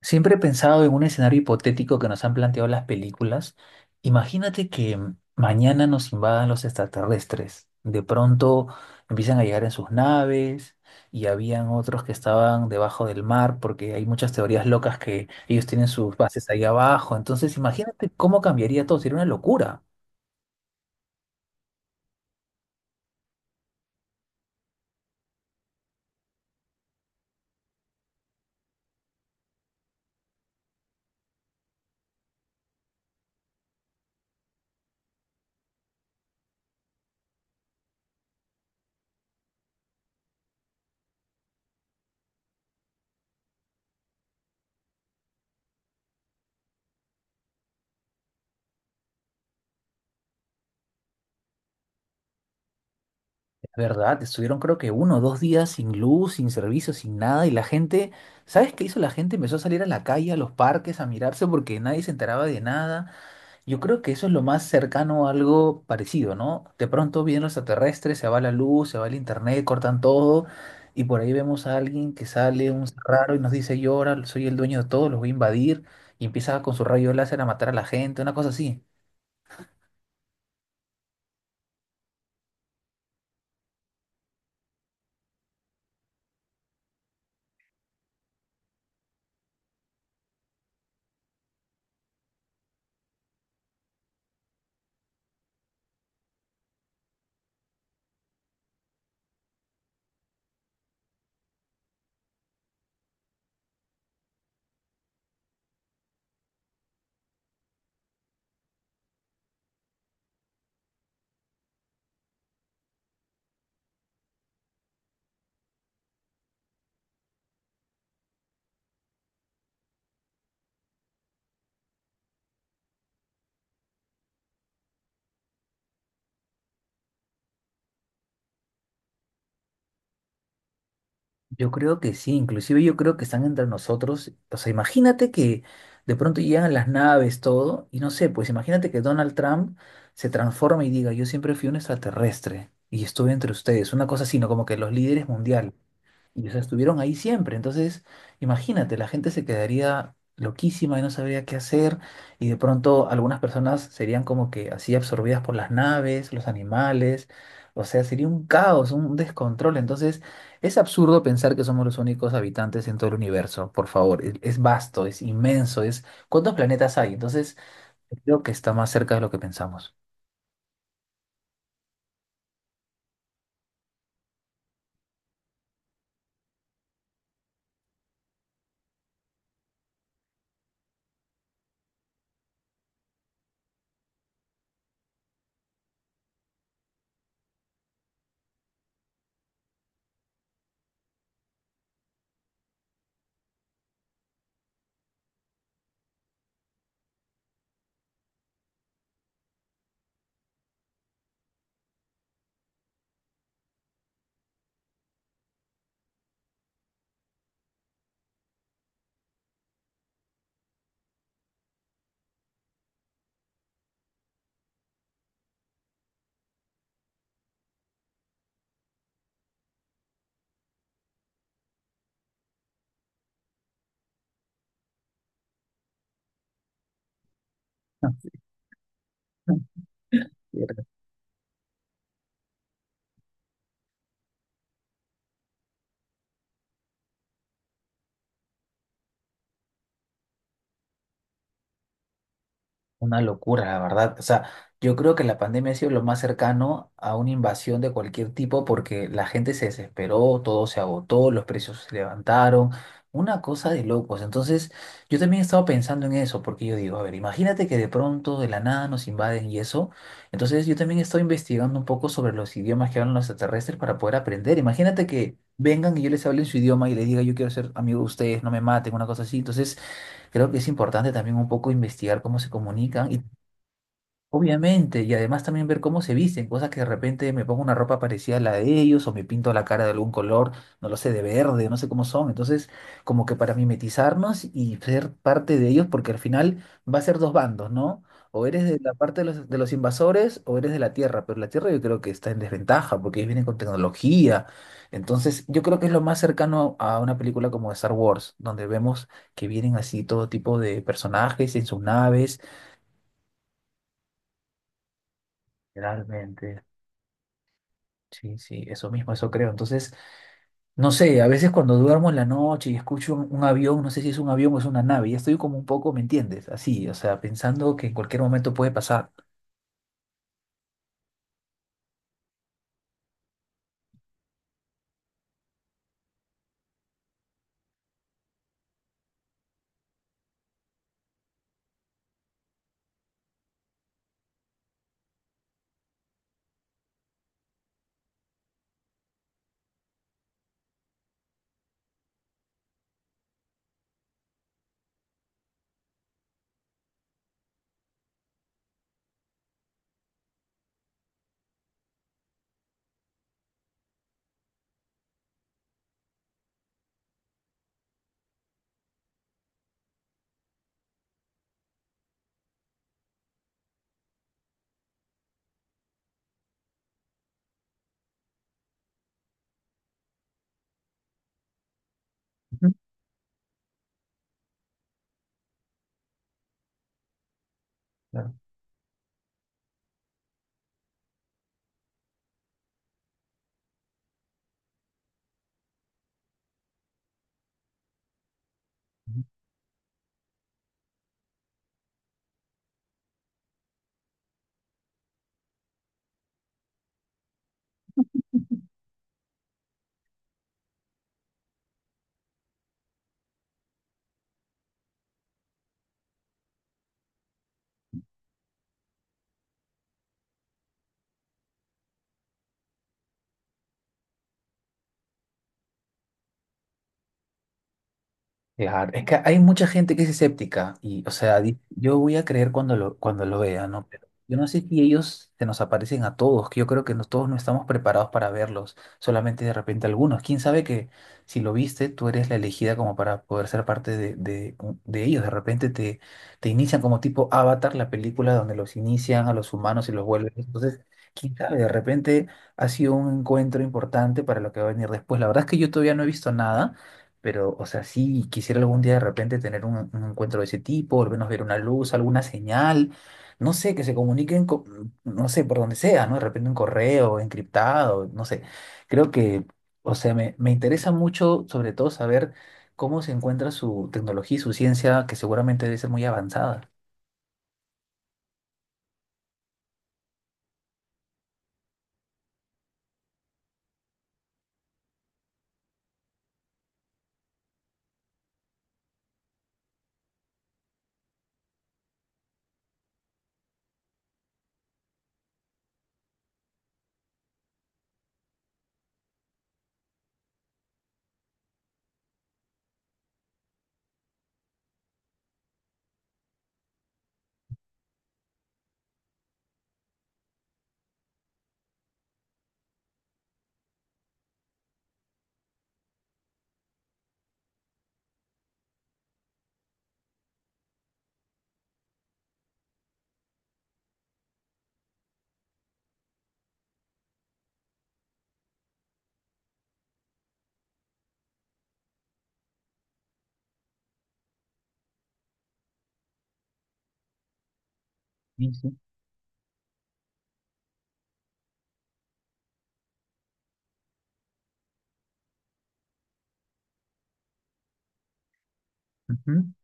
Siempre he pensado en un escenario hipotético que nos han planteado las películas. Imagínate que mañana nos invadan los extraterrestres. De pronto empiezan a llegar en sus naves y habían otros que estaban debajo del mar porque hay muchas teorías locas que ellos tienen sus bases ahí abajo. Entonces imagínate cómo cambiaría todo. Sería una locura. Es verdad, estuvieron creo que 1 o 2 días sin luz, sin servicio, sin nada y la gente, ¿sabes qué hizo la gente? Empezó a salir a la calle, a los parques, a mirarse porque nadie se enteraba de nada. Yo creo que eso es lo más cercano a algo parecido, ¿no? De pronto vienen los extraterrestres, se va la luz, se va el internet, cortan todo, y por ahí vemos a alguien que sale un ser raro y nos dice, yo ahora soy el dueño de todo, los voy a invadir, y empieza con su rayo láser a matar a la gente, una cosa así. Yo creo que sí, inclusive yo creo que están entre nosotros. O sea, imagínate que de pronto llegan las naves, todo, y no sé, pues imagínate que Donald Trump se transforma y diga, yo siempre fui un extraterrestre y estuve entre ustedes, una cosa así, ¿no? Como que los líderes mundiales. Y o sea, estuvieron ahí siempre. Entonces, imagínate, la gente se quedaría loquísima y no sabría qué hacer. Y de pronto algunas personas serían como que así absorbidas por las naves, los animales. O sea, sería un caos, un descontrol. Entonces, es absurdo pensar que somos los únicos habitantes en todo el universo. Por favor, es vasto, es inmenso, es... ¿Cuántos planetas hay? Entonces, creo que está más cerca de lo que pensamos. Una locura, la verdad. O sea, yo creo que la pandemia ha sido lo más cercano a una invasión de cualquier tipo porque la gente se desesperó, todo se agotó, los precios se levantaron, una cosa de locos. Entonces, yo también estaba pensando en eso porque yo digo, a ver, imagínate que de pronto, de la nada, nos invaden y eso. Entonces, yo también estoy investigando un poco sobre los idiomas que hablan los extraterrestres para poder aprender. Imagínate que vengan y yo les hable en su idioma y les diga, yo quiero ser amigo de ustedes, no me maten, una cosa así. Entonces, creo que es importante también un poco investigar cómo se comunican y obviamente, y además también ver cómo se visten, cosas que de repente me pongo una ropa parecida a la de ellos o me pinto la cara de algún color, no lo sé, de verde, no sé cómo son. Entonces, como que para mimetizarnos y ser parte de ellos, porque al final va a ser dos bandos, ¿no? O eres de la parte de los invasores o eres de la Tierra, pero la Tierra yo creo que está en desventaja porque ellos vienen con tecnología. Entonces, yo creo que es lo más cercano a una película como Star Wars, donde vemos que vienen así todo tipo de personajes en sus naves. Realmente. Sí, sí, eso mismo, eso creo. Entonces, no sé, a veces cuando duermo en la noche y escucho un avión, no sé si es un avión o es una nave, ya estoy como un poco, ¿me entiendes? Así, o sea, pensando que en cualquier momento puede pasar. Ujú. Claro. Claro, es que hay mucha gente que es escéptica y, o sea, yo voy a creer cuando cuando lo vea, ¿no? Pero yo no sé si ellos se nos aparecen a todos, que yo creo que no, todos no estamos preparados para verlos, solamente de repente algunos. ¿Quién sabe que si lo viste, tú eres la elegida como para poder ser parte de ellos? De repente te inician como tipo Avatar, la película donde los inician a los humanos y los vuelven. Entonces, quién sabe, de repente ha sido un encuentro importante para lo que va a venir después. La verdad es que yo todavía no he visto nada. Pero, o sea, sí, quisiera algún día de repente tener un encuentro de ese tipo, al menos ver una luz, alguna señal, no sé, que se comuniquen, no sé, por donde sea, ¿no? De repente un correo encriptado, no sé. Creo que, o sea, me interesa mucho, sobre todo, saber cómo se encuentra su tecnología y su ciencia, que seguramente debe ser muy avanzada. Sí, sí. Ujú.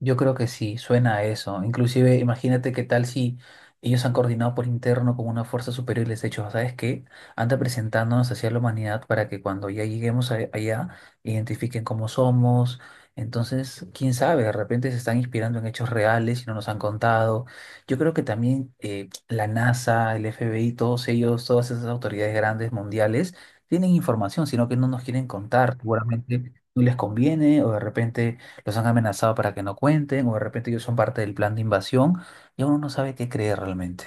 Yo creo que sí, suena a eso. Inclusive, imagínate qué tal si ellos han coordinado por interno con una fuerza superior y les he dicho, ¿sabes qué? Anda presentándonos hacia la humanidad para que cuando ya lleguemos allá, identifiquen cómo somos. Entonces, quién sabe, de repente se están inspirando en hechos reales y no nos han contado. Yo creo que también la NASA, el FBI, todos ellos, todas esas autoridades grandes mundiales, tienen información, sino que no nos quieren contar. Seguramente no les conviene o de repente los han amenazado para que no cuenten, o de repente ellos son parte del plan de invasión, y uno no sabe qué creer realmente.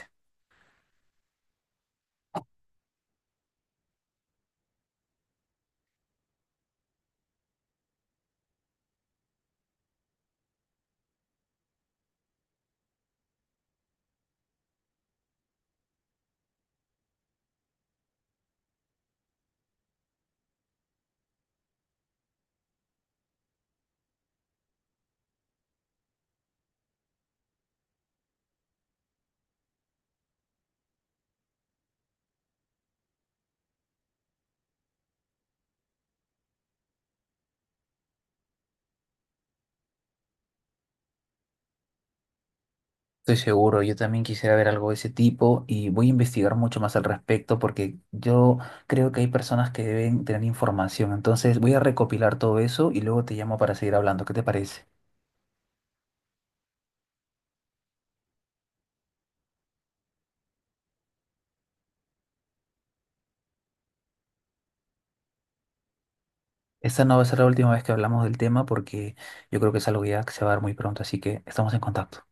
Estoy seguro, yo también quisiera ver algo de ese tipo y voy a investigar mucho más al respecto porque yo creo que hay personas que deben tener información. Entonces voy a recopilar todo eso y luego te llamo para seguir hablando. ¿Qué te parece? Esta no va a ser la última vez que hablamos del tema porque yo creo que es algo ya que se va a dar muy pronto, así que estamos en contacto.